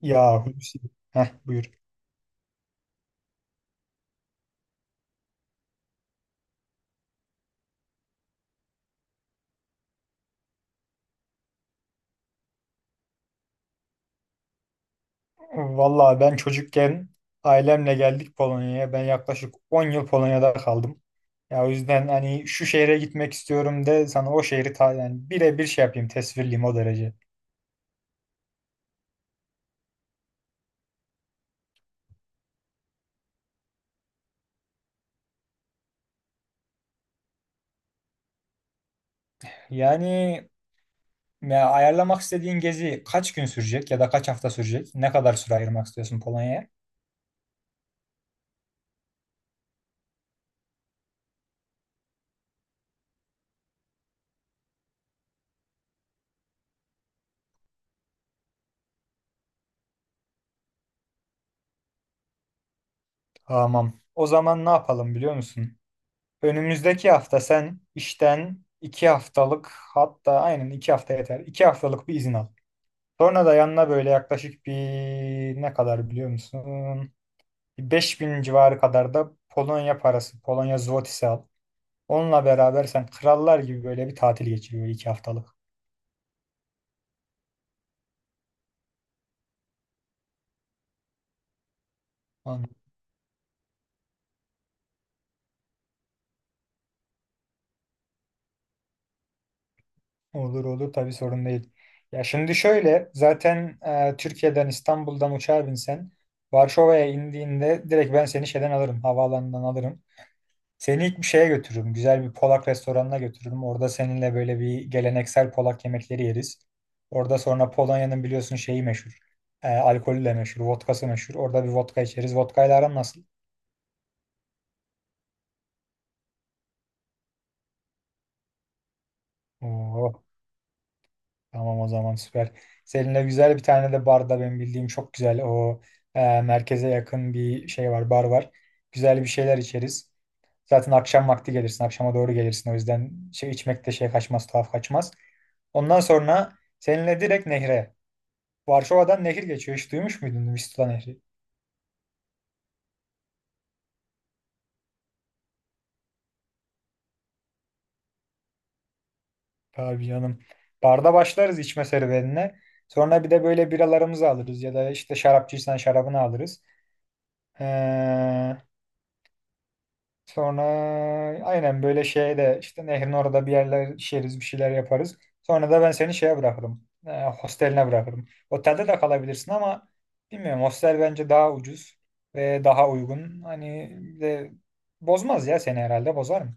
Ya Hulusi. Heh, buyur. Vallahi ben çocukken ailemle geldik Polonya'ya. Ben yaklaşık 10 yıl Polonya'da kaldım. Ya o yüzden hani şu şehre gitmek istiyorum de sana o şehri ta yani birebir şey yapayım tesvirliyim o derece. Yani ya ayarlamak istediğin gezi kaç gün sürecek ya da kaç hafta sürecek? Ne kadar süre ayırmak istiyorsun Polonya'ya? Tamam. O zaman ne yapalım biliyor musun? Önümüzdeki hafta sen işten 2 haftalık, hatta aynen 2 hafta yeter. 2 haftalık bir izin al. Sonra da yanına böyle yaklaşık bir ne kadar biliyor musun? Bir 5000 civarı kadar da Polonya parası, Polonya zlotisi al. Onunla beraber sen krallar gibi böyle bir tatil geçiriyor 2 haftalık. An- Olur olur, tabii sorun değil. Ya şimdi şöyle zaten Türkiye'den İstanbul'dan uçağa binsen Varşova'ya indiğinde direkt ben seni şeyden alırım, havaalanından alırım. Seni ilk bir şeye götürürüm. Güzel bir Polak restoranına götürürüm. Orada seninle böyle bir geleneksel Polak yemekleri yeriz. Orada sonra Polonya'nın biliyorsun şeyi meşhur. Alkolü de meşhur. Vodkası meşhur. Orada bir vodka içeriz. Vodkayla aran nasıl? Oo, tamam o zaman süper. Seninle güzel bir tane de barda benim bildiğim çok güzel o merkeze yakın bir şey var, bar var. Güzel bir şeyler içeriz. Zaten akşam vakti gelirsin. Akşama doğru gelirsin. O yüzden şey içmek de şey kaçmaz, tuhaf kaçmaz. Ondan sonra seninle direkt nehre. Varşova'dan nehir geçiyor. Hiç duymuş muydun Vistula Nehri? Abi canım. Barda başlarız içme serüvenine. Sonra bir de böyle biralarımızı alırız ya da işte şarapçıysan şarabını alırız. Ee, Sonra aynen böyle şeye de işte nehrin orada bir yerler içeriz, bir şeyler yaparız. Sonra da ben seni şeye bırakırım. Hosteline bırakırım. Otelde de kalabilirsin ama bilmiyorum, hostel bence daha ucuz ve daha uygun. Hani bir de bozmaz ya seni, herhalde bozar mı?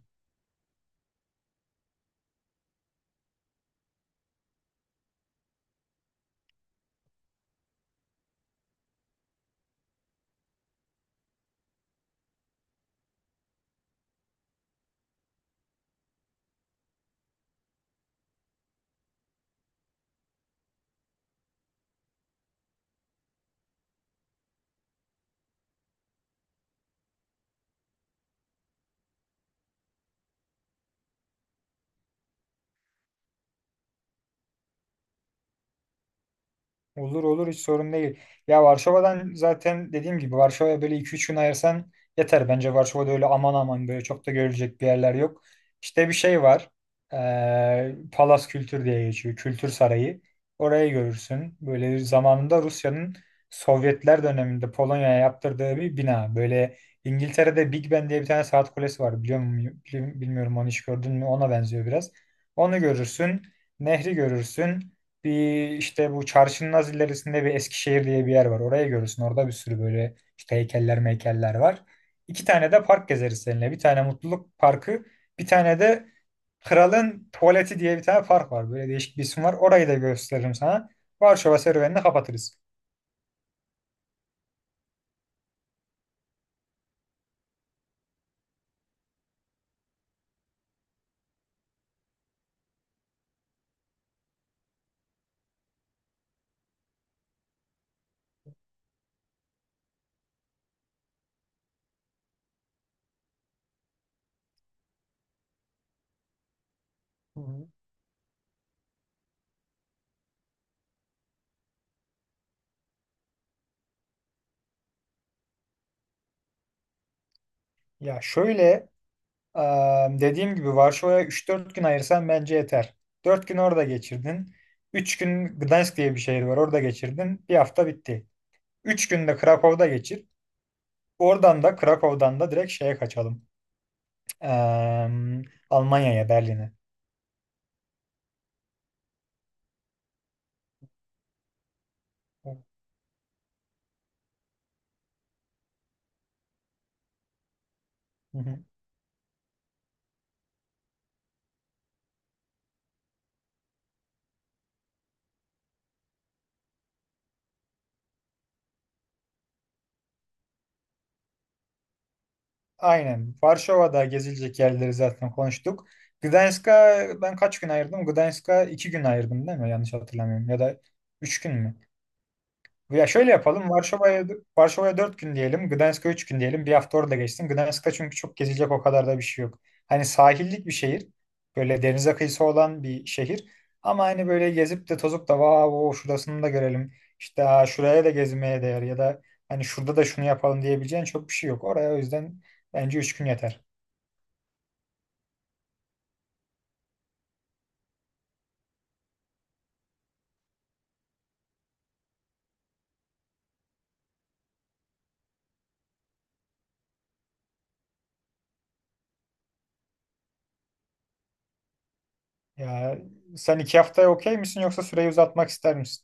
Olur olur, hiç sorun değil. Ya Varşova'dan zaten dediğim gibi Varşova'ya böyle iki üç gün ayırsan yeter. Bence Varşova'da öyle aman aman böyle çok da görülecek bir yerler yok. İşte bir şey var. Palas Kültür diye geçiyor. Kültür Sarayı. Orayı görürsün. Böyle zamanında Rusya'nın Sovyetler döneminde Polonya'ya yaptırdığı bir bina. Böyle İngiltere'de Big Ben diye bir tane saat kulesi var. Biliyor muyum? Bilmiyorum, onu hiç gördün mü? Ona benziyor biraz. Onu görürsün. Nehri görürsün. Bir işte bu çarşının az ilerisinde bir Eskişehir diye bir yer var. Oraya görürsün. Orada bir sürü böyle işte heykeller meykeller var. İki tane de park gezeriz seninle. Bir tane Mutluluk Parkı, bir tane de Kralın Tuvaleti diye bir tane park var. Böyle değişik bir isim var. Orayı da gösteririm sana. Varşova serüvenini kapatırız. Hı hı. Ya şöyle e, dediğim gibi Varşova'ya üç dört gün ayırsan bence yeter. 4 gün orada geçirdin. 3 gün Gdansk diye bir şehir var. Orada geçirdin. Bir hafta bitti. 3 günde Krakow'da geçir. Oradan da Krakow'dan da direkt şeye kaçalım. Eee, Almanya'ya, Berlin'e. Hı hı. Aynen. Varşova'da gezilecek yerleri zaten konuştuk. Gdańsk'a ben kaç gün ayırdım? Gdańsk'a 2 gün ayırdım değil mi? Yanlış hatırlamıyorum. Ya da 3 gün mü? Ya şöyle yapalım. Varşova'ya 4 gün diyelim. Gdansk'a 3 gün diyelim. Bir hafta orada geçsin. Gdansk'ta çünkü çok gezilecek o kadar da bir şey yok. Hani sahillik bir şehir. Böyle denize kıyısı olan bir şehir. Ama hani böyle gezip de tozup da vav o şurasını da görelim. İşte, "Aa, şuraya da gezmeye değer ya da hani şurada da şunu yapalım" diyebileceğin çok bir şey yok. Oraya o yüzden bence 3 gün yeter. Ya sen 2 haftaya okey misin, yoksa süreyi uzatmak ister misin?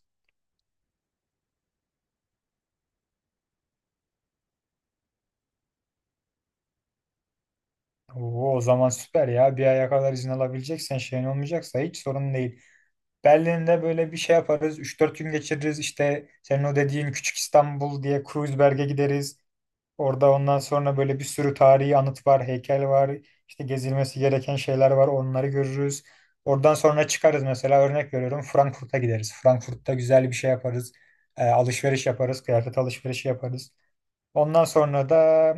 Oo, o zaman süper ya. Bir aya kadar izin alabileceksen, şeyin olmayacaksa hiç sorun değil. Berlin'de böyle bir şey yaparız. Üç dört gün geçiririz. İşte senin o dediğin Küçük İstanbul diye Kreuzberg'e gideriz. Orada ondan sonra böyle bir sürü tarihi anıt var, heykel var. İşte gezilmesi gereken şeyler var. Onları görürüz. Oradan sonra çıkarız, mesela örnek veriyorum Frankfurt'a gideriz. Frankfurt'ta güzel bir şey yaparız. Alışveriş yaparız, kıyafet alışverişi yaparız. Ondan sonra da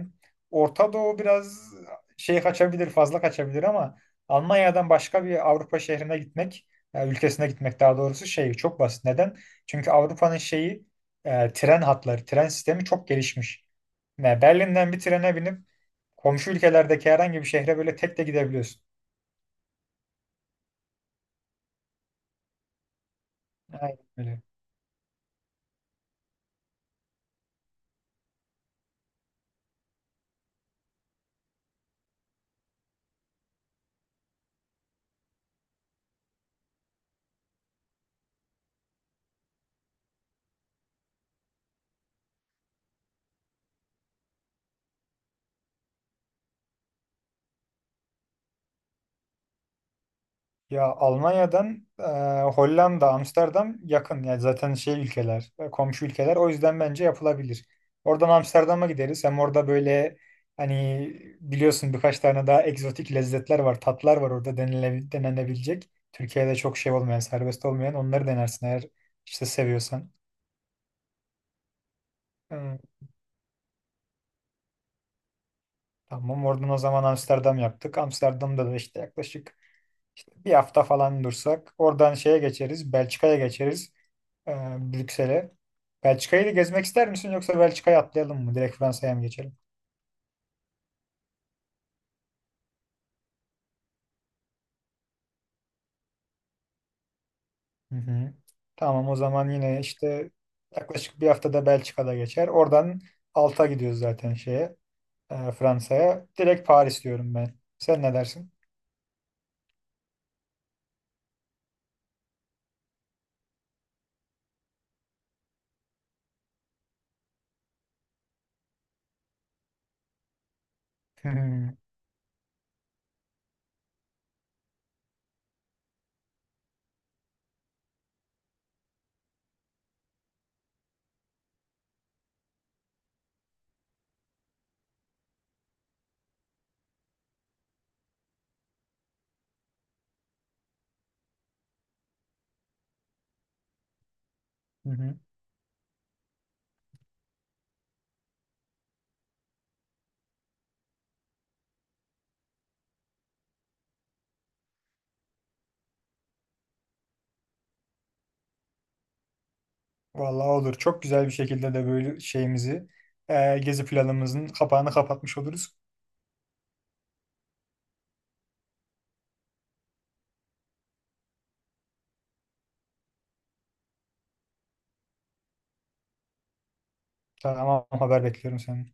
Orta Doğu biraz şey kaçabilir, fazla kaçabilir ama Almanya'dan başka bir Avrupa şehrine gitmek, ülkesine gitmek daha doğrusu şey çok basit. Neden? Çünkü Avrupa'nın şeyi tren hatları, tren sistemi çok gelişmiş. Yani Berlin'den bir trene binip komşu ülkelerdeki herhangi bir şehre böyle tek de gidebiliyorsun. Aynen öyle. Ya Almanya'dan Hollanda, Amsterdam yakın. Yani zaten şey ülkeler, komşu ülkeler. O yüzden bence yapılabilir. Oradan Amsterdam'a gideriz. Hem orada böyle hani biliyorsun birkaç tane daha egzotik lezzetler var, tatlar var orada denenebilecek. Türkiye'de çok şey olmayan, serbest olmayan onları denersin eğer işte seviyorsan. Hı, tamam oradan o zaman Amsterdam yaptık. Amsterdam'da da işte yaklaşık bir hafta falan dursak. Oradan şeye geçeriz. Belçika'ya geçeriz. e, Brüksel'e. Belçika'yı da gezmek ister misin yoksa Belçika'ya atlayalım mı? Direkt Fransa'ya mı geçelim? Hı hı. Tamam o zaman yine işte yaklaşık bir haftada Belçika'da geçer. Oradan alta gidiyoruz zaten şeye Fransa'ya. Direkt Paris diyorum ben. Sen ne dersin? Hı hı. Hı hı. Vallahi olur. Çok güzel bir şekilde de böyle şeyimizi gezi planımızın kapağını kapatmış oluruz. Tamam, haber bekliyorum senden.